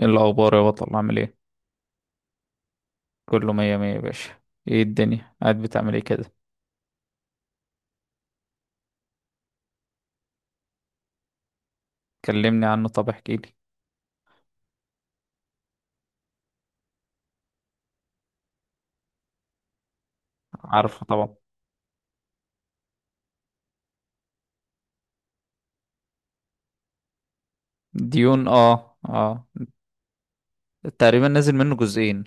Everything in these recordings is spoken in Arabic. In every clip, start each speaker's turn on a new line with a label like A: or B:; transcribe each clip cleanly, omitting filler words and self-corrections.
A: ايه الاخبار يا بطل، عامل ايه؟ كله مية مية يا باشا. ايه الدنيا قاعد بتعمل ايه كده؟ كلمني عنه، طب احكي لي. عارفه طبعا. ديون، اه اه. تقريبا نازل منه جزئين.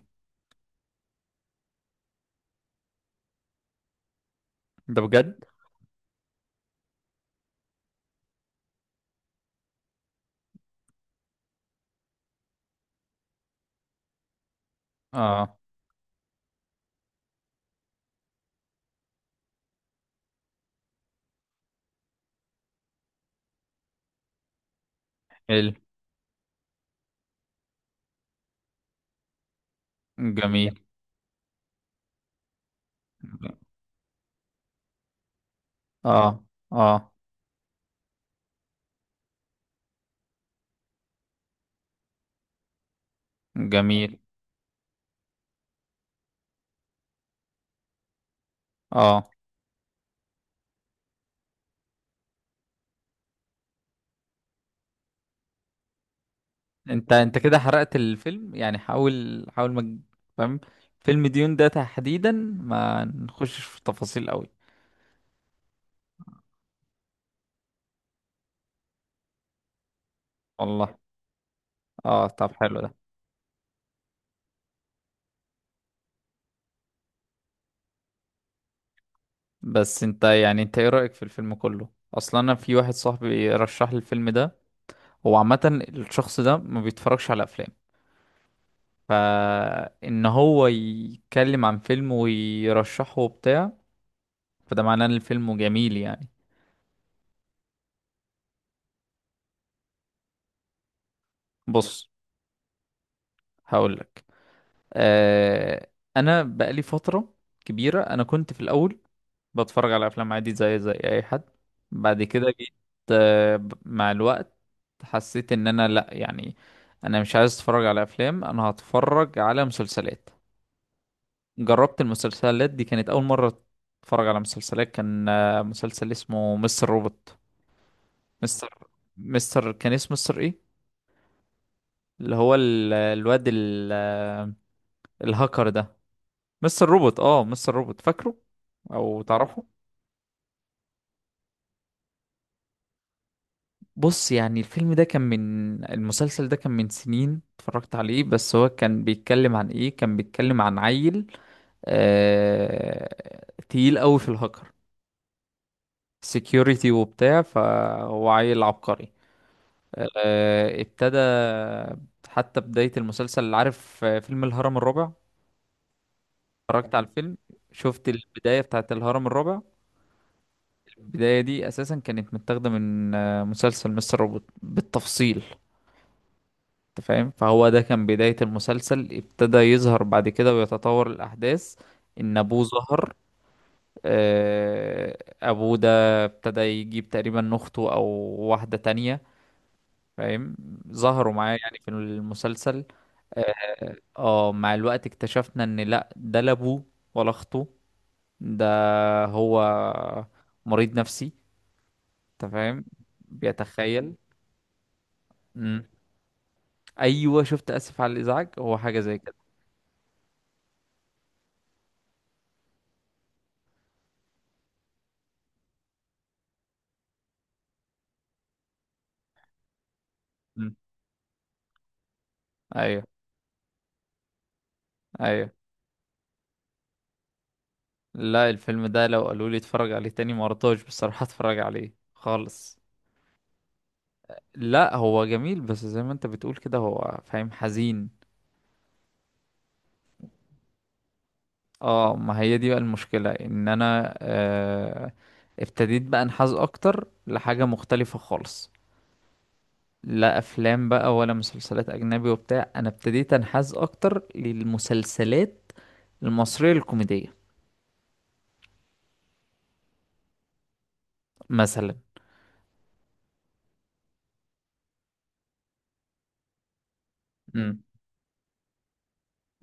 A: ده بجد؟ اه. حلو. جميل. اه اه. جميل. اه. انت كده حرقت الفيلم، يعني حاول حاول ما تج- فاهم. فيلم ديون ده تحديدا، ما نخشش في تفاصيل قوي. والله؟ اه، طب حلو ده. بس انت ايه رأيك في الفيلم كله اصلا؟ انا في واحد صاحبي رشح لي الفيلم ده. هو عامة الشخص ده ما بيتفرجش على افلام، فان هو يتكلم عن فيلم ويرشحه وبتاع، فده معناه ان الفيلم جميل يعني. بص، هقولك. آه، انا بقالي فترة كبيرة. انا كنت في الاول بتفرج على افلام عادي زي اي حد. بعد كده جيت مع الوقت حسيت ان انا لا يعني، انا مش عايز اتفرج على افلام، انا هتفرج على مسلسلات. جربت المسلسلات دي، كانت اول مرة اتفرج على مسلسلات. كان مسلسل اسمه مستر روبوت. مستر مستر كان اسمه مستر ايه؟ اللي هو الواد الهاكر ده. مستر روبوت، اه، مستر روبوت، فاكره او تعرفه؟ بص يعني، الفيلم ده كان من المسلسل ده كان من سنين اتفرجت عليه. بس هو كان بيتكلم عن ايه؟ كان بيتكلم عن عيل آه... تقيل قوي في الهاكر، سكيورتي وبتاع. فهو عيل عبقري. ابتدى، حتى بداية المسلسل اللي، عارف فيلم الهرم الرابع؟ اتفرجت على الفيلم، شفت البداية بتاعت الهرم الرابع. البداية دي أساسا كانت متاخدة من مسلسل مستر روبوت بالتفصيل. انت فاهم؟ فهو ده كان بداية المسلسل، ابتدى يظهر بعد كده ويتطور الأحداث إن أبوه ظهر. أبوه ده ابتدى يجيب تقريبا أخته أو واحدة تانية، فاهم؟ ظهروا معاه يعني في المسلسل. اه، مع الوقت اكتشفنا إن لأ، ده لا أبوه ولا أخته، ده هو مريض نفسي، أنت فاهم؟ بيتخيل. مم. أيوه شفت، آسف على الإزعاج، هو حاجة زي كده. مم. أيوه. أيوه. لا الفيلم ده لو قالوا لي اتفرج عليه تاني، ما رضاش بصراحة اتفرج عليه خالص. لا هو جميل، بس زي ما انت بتقول كده، هو فاهم حزين. اه، ما هي دي بقى المشكلة، ان انا ابتديت بقى انحاز اكتر لحاجة مختلفة خالص. لا افلام بقى ولا مسلسلات اجنبي وبتاع، انا ابتديت انحاز اكتر للمسلسلات المصرية الكوميدية مثلا. امم.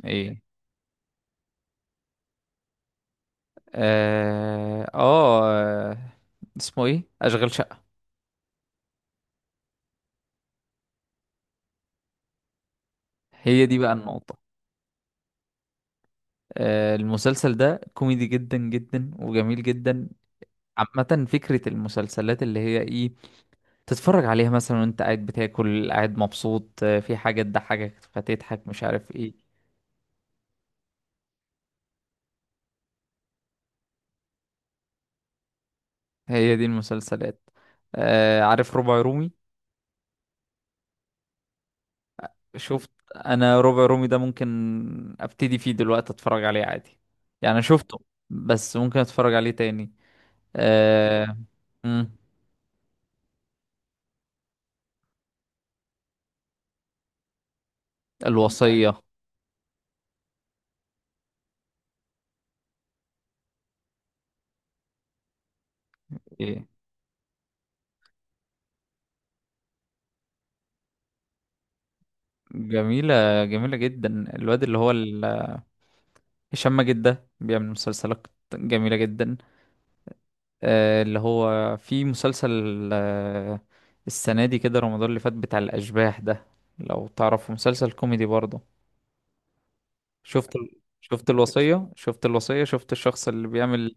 A: ايه؟ اه، آه. اسمه ايه؟ اشغال شقة. هي دي بقى النقطة. المسلسل ده كوميدي جدا جدا وجميل جدا. عامة فكرة المسلسلات اللي هي ايه؟ تتفرج عليها مثلا وانت قاعد بتاكل، قاعد مبسوط، في حاجة تضحكك فتضحك، مش عارف ايه. هي دي المسلسلات. عارف ربع رومي؟ شفت، انا ربع رومي ده ممكن ابتدي فيه دلوقتي اتفرج عليه عادي، يعني أنا شفته بس ممكن اتفرج عليه تاني. آه، مم، الوصية. إيه. جميلة، جميلة جدا. الواد اللي هو هشام ماجد ده بيعمل مسلسلات جميلة جدا. اللي هو في مسلسل آه، السنة دي كده، رمضان اللي فات، بتاع الأشباح ده، لو تعرفه، مسلسل كوميدي برضه. شفت الوصية؟ شفت الشخص اللي بيعمل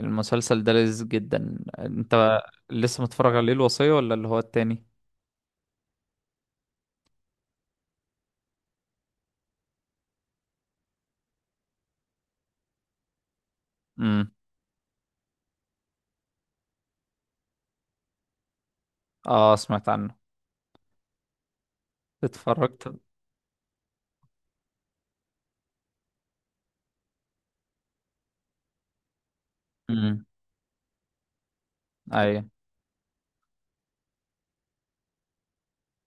A: المسلسل ده؟ لذيذ جدا انت. لسه متفرج عليه الوصية ولا اللي هو التاني؟ امم. اه، سمعت عنه. اتفرجت. امم. ايوه.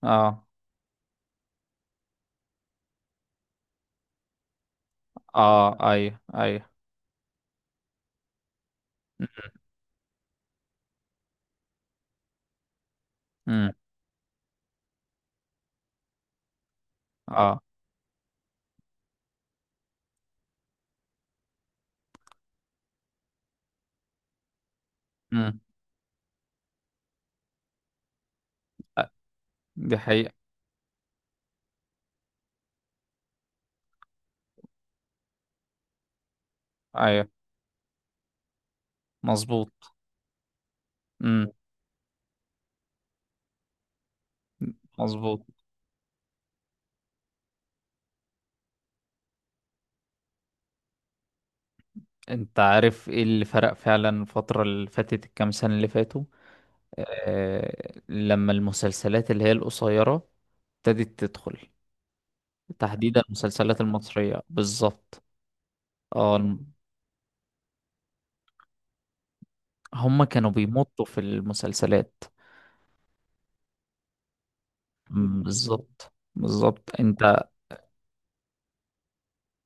A: اه. اه. ايوه ايوه. امم. اه. امم. آه، دي حقيقة. ايوه مظبوط. امم. مظبوط. انت عارف ايه اللي فرق فعلا الفترة اللي فاتت، الكام سنة اللي فاتوا؟ آه، لما المسلسلات اللي هي القصيرة ابتدت تدخل، تحديدا المسلسلات المصرية بالظبط. اه هما كانوا بيمطوا في المسلسلات. مم، بالظبط بالظبط انت.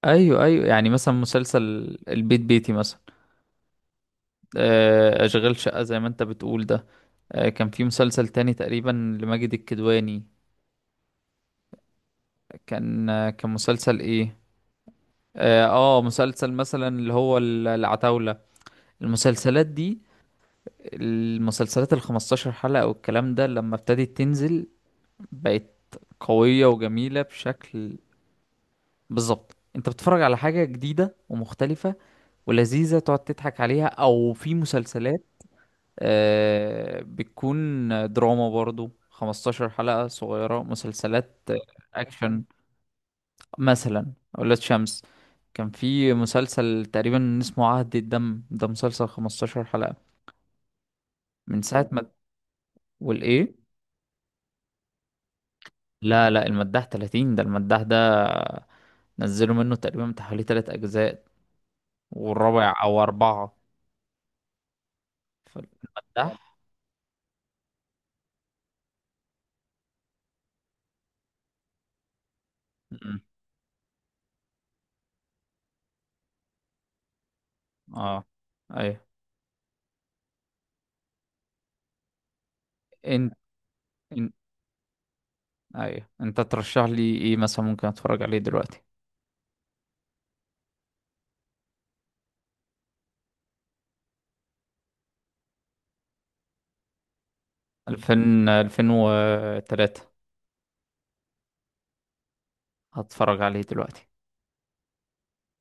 A: ايوه ايوه، يعني مثلا مسلسل البيت بيتي مثلا. اشغال شقة زي ما انت بتقول ده. كان في مسلسل تاني تقريبا لماجد الكدواني، كان مسلسل ايه، اه مسلسل مثلا اللي هو العتاولة. المسلسلات دي، المسلسلات ال 15 حلقة والكلام ده، لما ابتدت تنزل بقت قوية وجميلة بشكل. بالظبط، انت بتتفرج على حاجة جديدة ومختلفة ولذيذة، تقعد تضحك عليها. او في مسلسلات بتكون دراما برضو 15 حلقة صغيرة، مسلسلات اكشن مثلا، اولاد شمس. كان في مسلسل تقريبا اسمه عهد الدم، ده مسلسل 15 حلقة. من ساعة ما... والايه... لا لا، المداح 30، ده المداح ده نزلوا منه تقريبا بتاع حوالي تلات اجزاء والرابع او اربعة. فالمداح. مم. اه ايوه انت. إن... ايوه انت ترشح لي ايه مثلا ممكن اتفرج عليه دلوقتي؟ 2000؟ 2003؟ هتفرج عليه دلوقتي؟